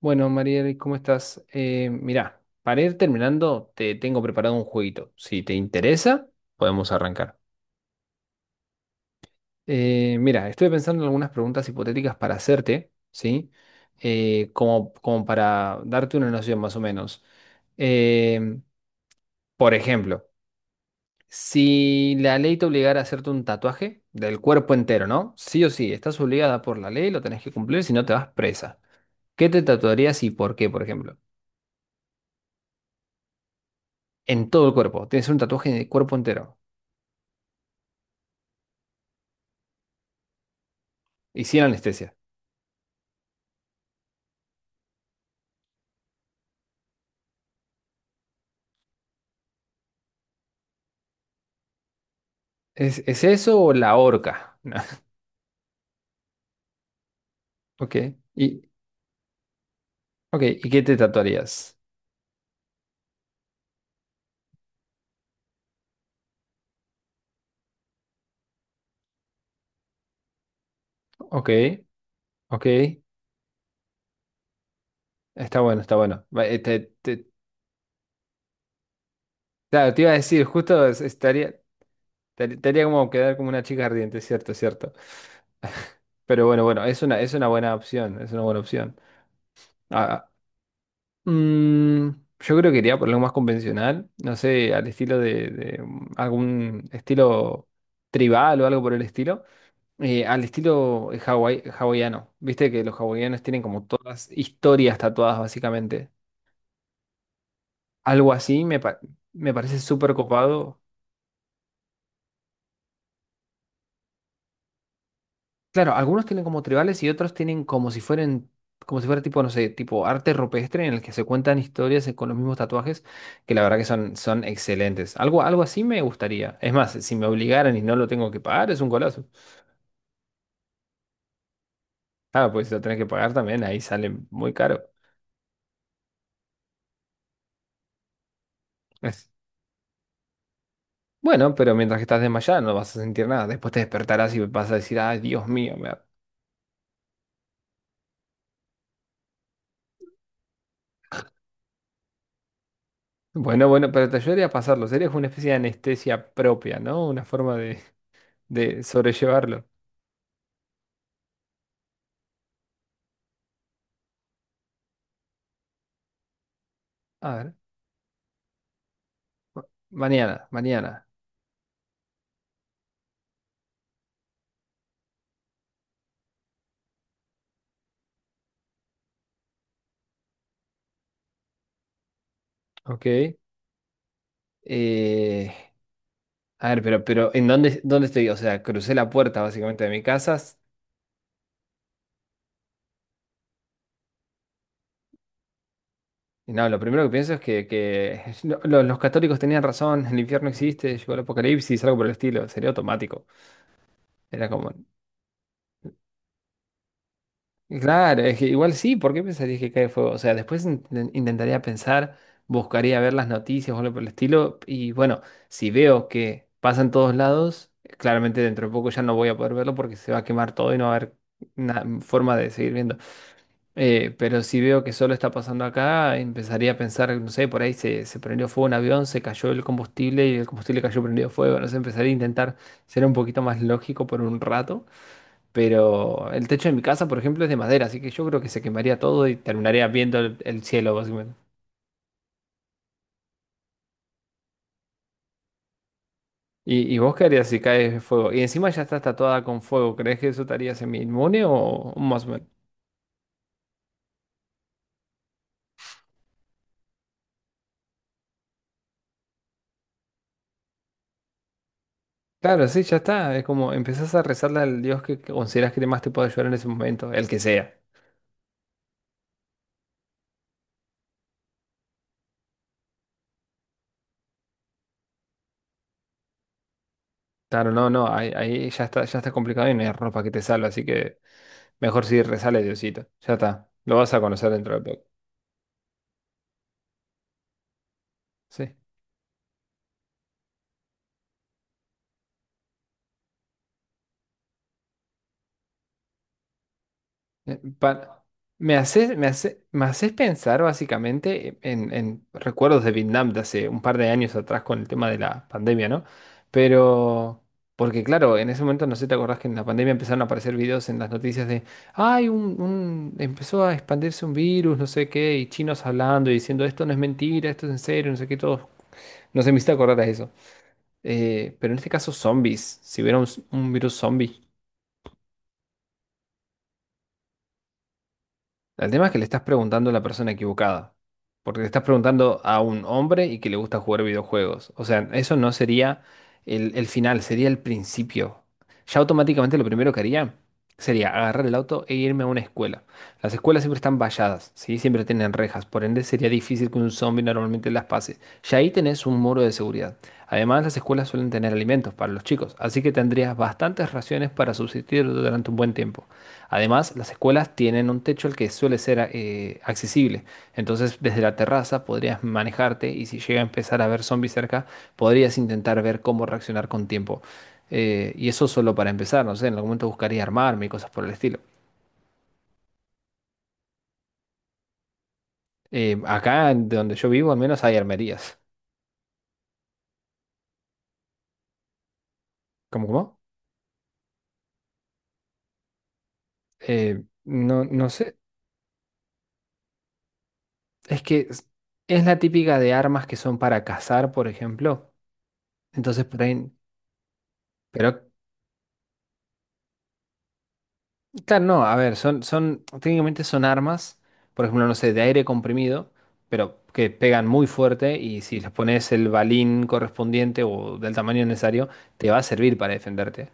Bueno, Mariel, ¿cómo estás? Mirá, para ir terminando, te tengo preparado un jueguito. Si te interesa, podemos arrancar. Mira, estoy pensando en algunas preguntas hipotéticas para hacerte, ¿sí? Como para darte una noción más o menos. Em, por ejemplo, si la ley te obligara a hacerte un tatuaje del cuerpo entero, ¿no? Sí o sí, estás obligada por la ley, lo tenés que cumplir, si no te vas presa. ¿Qué te tatuarías y por qué, por ejemplo? En todo el cuerpo. Tienes un tatuaje en el cuerpo entero y sin anestesia. ¿Es eso o la horca? No. Ok. Y, ok, ¿y qué te tatuarías? Ok, ok. Está bueno, está bueno. Va, claro, te iba a decir, estaría, te haría como quedar como una chica ardiente, cierto, cierto. Pero bueno, bueno, es una buena opción, es una buena opción. Ah, ah, mm, yo creo que iría por algo más convencional, no sé, al estilo de algún estilo tribal o algo por el estilo. Al estilo hawaiano. Viste que los hawaianos tienen como todas historias tatuadas, básicamente. Algo así me, pa- Me parece súper copado. Claro, algunos tienen como tribales y otros tienen como si fueran, como si fuera tipo, no sé, tipo arte rupestre en el que se cuentan historias con los mismos tatuajes, que la verdad que son, son excelentes. Algo, algo así me gustaría. Es más, si me obligaran y no lo tengo que pagar, es un golazo. Ah, pues si lo tenés que pagar también, ahí sale muy caro. Bueno, pero mientras que estás desmayada no vas a sentir nada. Después te despertarás y vas a decir, ay, Dios mío. Me da-". Bueno, bueno, pero te ayudaría a pasarlo. Sería como una especie de anestesia propia, ¿no? Una forma de sobrellevarlo. A ver, ma- mañana, mañana. Ok. Eh, a ver, pero ¿en dónde, dónde estoy? O sea, crucé la puerta básicamente de mi casa. S- Y no, lo primero que pienso es que los católicos tenían razón, el infierno existe, llegó el apocalipsis, algo por el estilo. Sería automático. Era como, claro, es que igual sí, ¿por qué pensarías que cae fuego? O sea, después intentaría pensar, buscaría ver las noticias o algo por el estilo, y bueno, si veo que pasa en todos lados, claramente dentro de poco ya no voy a poder verlo porque se va a quemar todo y no va a haber forma de seguir viendo. Pero si veo que solo está pasando acá, empezaría a pensar, no sé, por ahí se prendió fuego un avión, se cayó el combustible y el combustible cayó prendido fuego, no sé, empezaría a intentar ser un poquito más lógico por un rato. Pero el techo de mi casa, por ejemplo, es de madera, así que yo creo que se quemaría todo y terminaría viendo el cielo, básicamente. Y vos qué harías si caes de fuego? Y encima ya estás tatuada con fuego, ¿crees que eso te haría semi-inmune o más o menos? Claro, sí, ya está. Es como empezás a rezarle al Dios que consideras que más te puede ayudar en ese momento, el que sea. Claro, no, no, ahí, ahí ya está complicado y no hay ropa que te salve, así que mejor si rezale a Diosito. Ya está, lo vas a conocer dentro de poco. Sí. Eh, pa- Me haces, me hace, me haces pensar básicamente en recuerdos de Vietnam de hace un par de años atrás con el tema de la pandemia, ¿no? Pero, porque claro, en ese momento no sé, ¿te acordás que en la pandemia empezaron a aparecer videos en las noticias de, ay, empezó a expandirse un virus, no sé qué, y chinos hablando y diciendo, esto no es mentira, esto es en serio, no sé qué, todo. No sé, me hiciste acordar a eso. Pero en este caso, zombies, si hubiera un virus zombie. El tema es que le estás preguntando a la persona equivocada, porque le estás preguntando a un hombre y que le gusta jugar videojuegos. O sea, eso no sería el final, sería el principio. Ya automáticamente lo primero que haría sería agarrar el auto e irme a una escuela. Las escuelas siempre están valladas, ¿sí? Siempre tienen rejas, por ende sería difícil que un zombie normalmente las pase. Ya ahí tenés un muro de seguridad. Además, las escuelas suelen tener alimentos para los chicos, así que tendrías bastantes raciones para subsistir durante un buen tiempo. Además, las escuelas tienen un techo al que suele ser accesible, entonces desde la terraza podrías manejarte y si llega a empezar a ver zombies cerca, podrías intentar ver cómo reaccionar con tiempo. Y eso solo para empezar, no sé, en algún momento buscaría armarme y cosas por el estilo. Acá, de donde yo vivo, al menos hay armerías. ¿Cómo, cómo? No sé, es que es la típica de armas que son para cazar, por ejemplo. Entonces, por ahí- pero claro, no, a ver, son, son, técnicamente son armas, por ejemplo, no sé, de aire comprimido, pero que pegan muy fuerte y si les pones el balín correspondiente o del tamaño necesario, te va a servir para defenderte.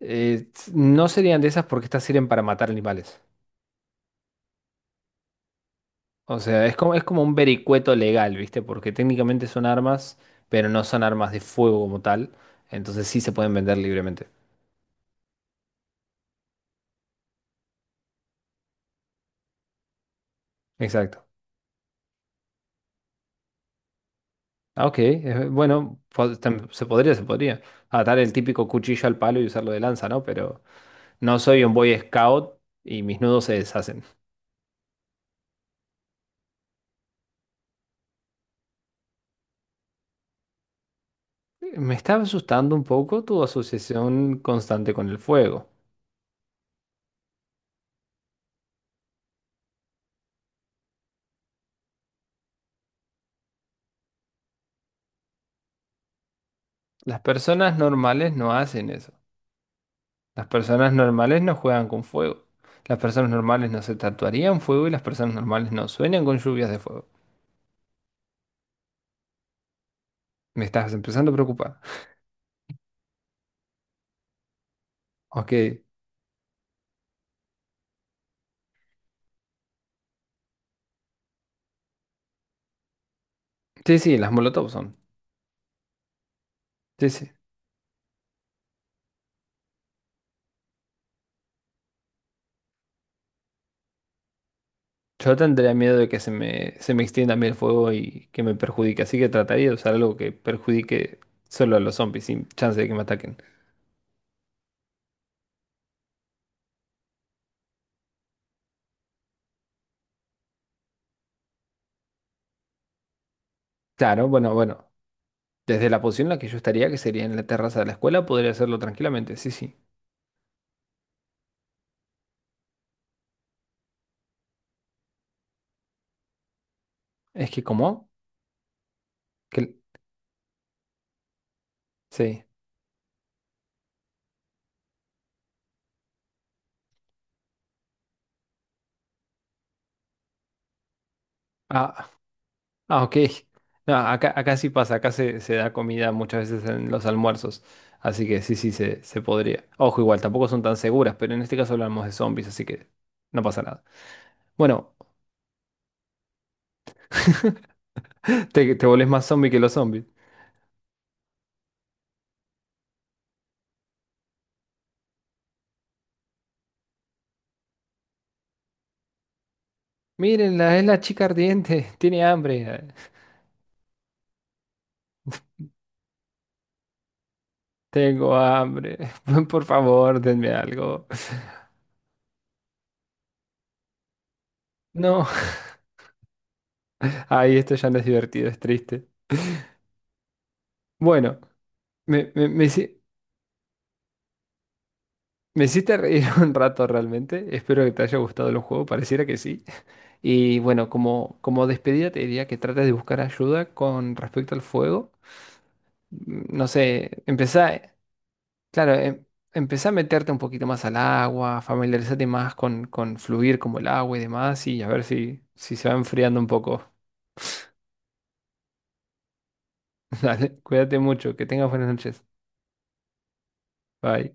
No serían de esas porque estas sirven para matar animales. O sea, es como un vericueto legal, ¿viste? Porque técnicamente son armas, pero no son armas de fuego como tal, entonces sí se pueden vender libremente. Exacto. Ah, ok. Bueno, se podría, se podría. Atar el típico cuchillo al palo y usarlo de lanza, ¿no? Pero no soy un Boy Scout y mis nudos se deshacen. Me está asustando un poco tu asociación constante con el fuego. Las personas normales no hacen eso. Las personas normales no juegan con fuego. Las personas normales no se tatuarían fuego y las personas normales no sueñan con lluvias de fuego. Me estás empezando a preocupar. Ok. Sí, sí, las molotov son. Sí, sí. Yo tendría miedo de que se me extienda a mí el fuego y que me perjudique, así que trataría de usar algo que perjudique solo a los zombies, sin chance de que me ataquen. Claro, bueno, bueno. Desde la posición en la que yo estaría, que sería en la terraza de la escuela, podría hacerlo tranquilamente, sí, sí. Es que, ¿cómo? Que, sí. Ah, ah, ok. No, acá, acá sí pasa, acá se da comida muchas veces en los almuerzos, así que sí, sí, se podría. Ojo, igual, tampoco son tan seguras, pero en este caso hablamos de zombies, así que no pasa nada. Bueno. Te volvés más zombie que los zombies. Mírenla, es la chica ardiente, tiene hambre. Tengo hambre. Por favor, denme algo. No, ahí esto ya no es divertido, es triste. Bueno, me, me, me, hici- me hiciste reír un rato realmente. Espero que te haya gustado el juego, pareciera que sí. Y bueno, como, como despedida te diría que trates de buscar ayuda con respecto al fuego. No sé, empezá. Claro, empezá a meterte un poquito más al agua, familiarizate más con fluir como el agua y demás, y a ver si, si se va enfriando un poco. Dale, cuídate mucho, que tengas buenas noches. Bye.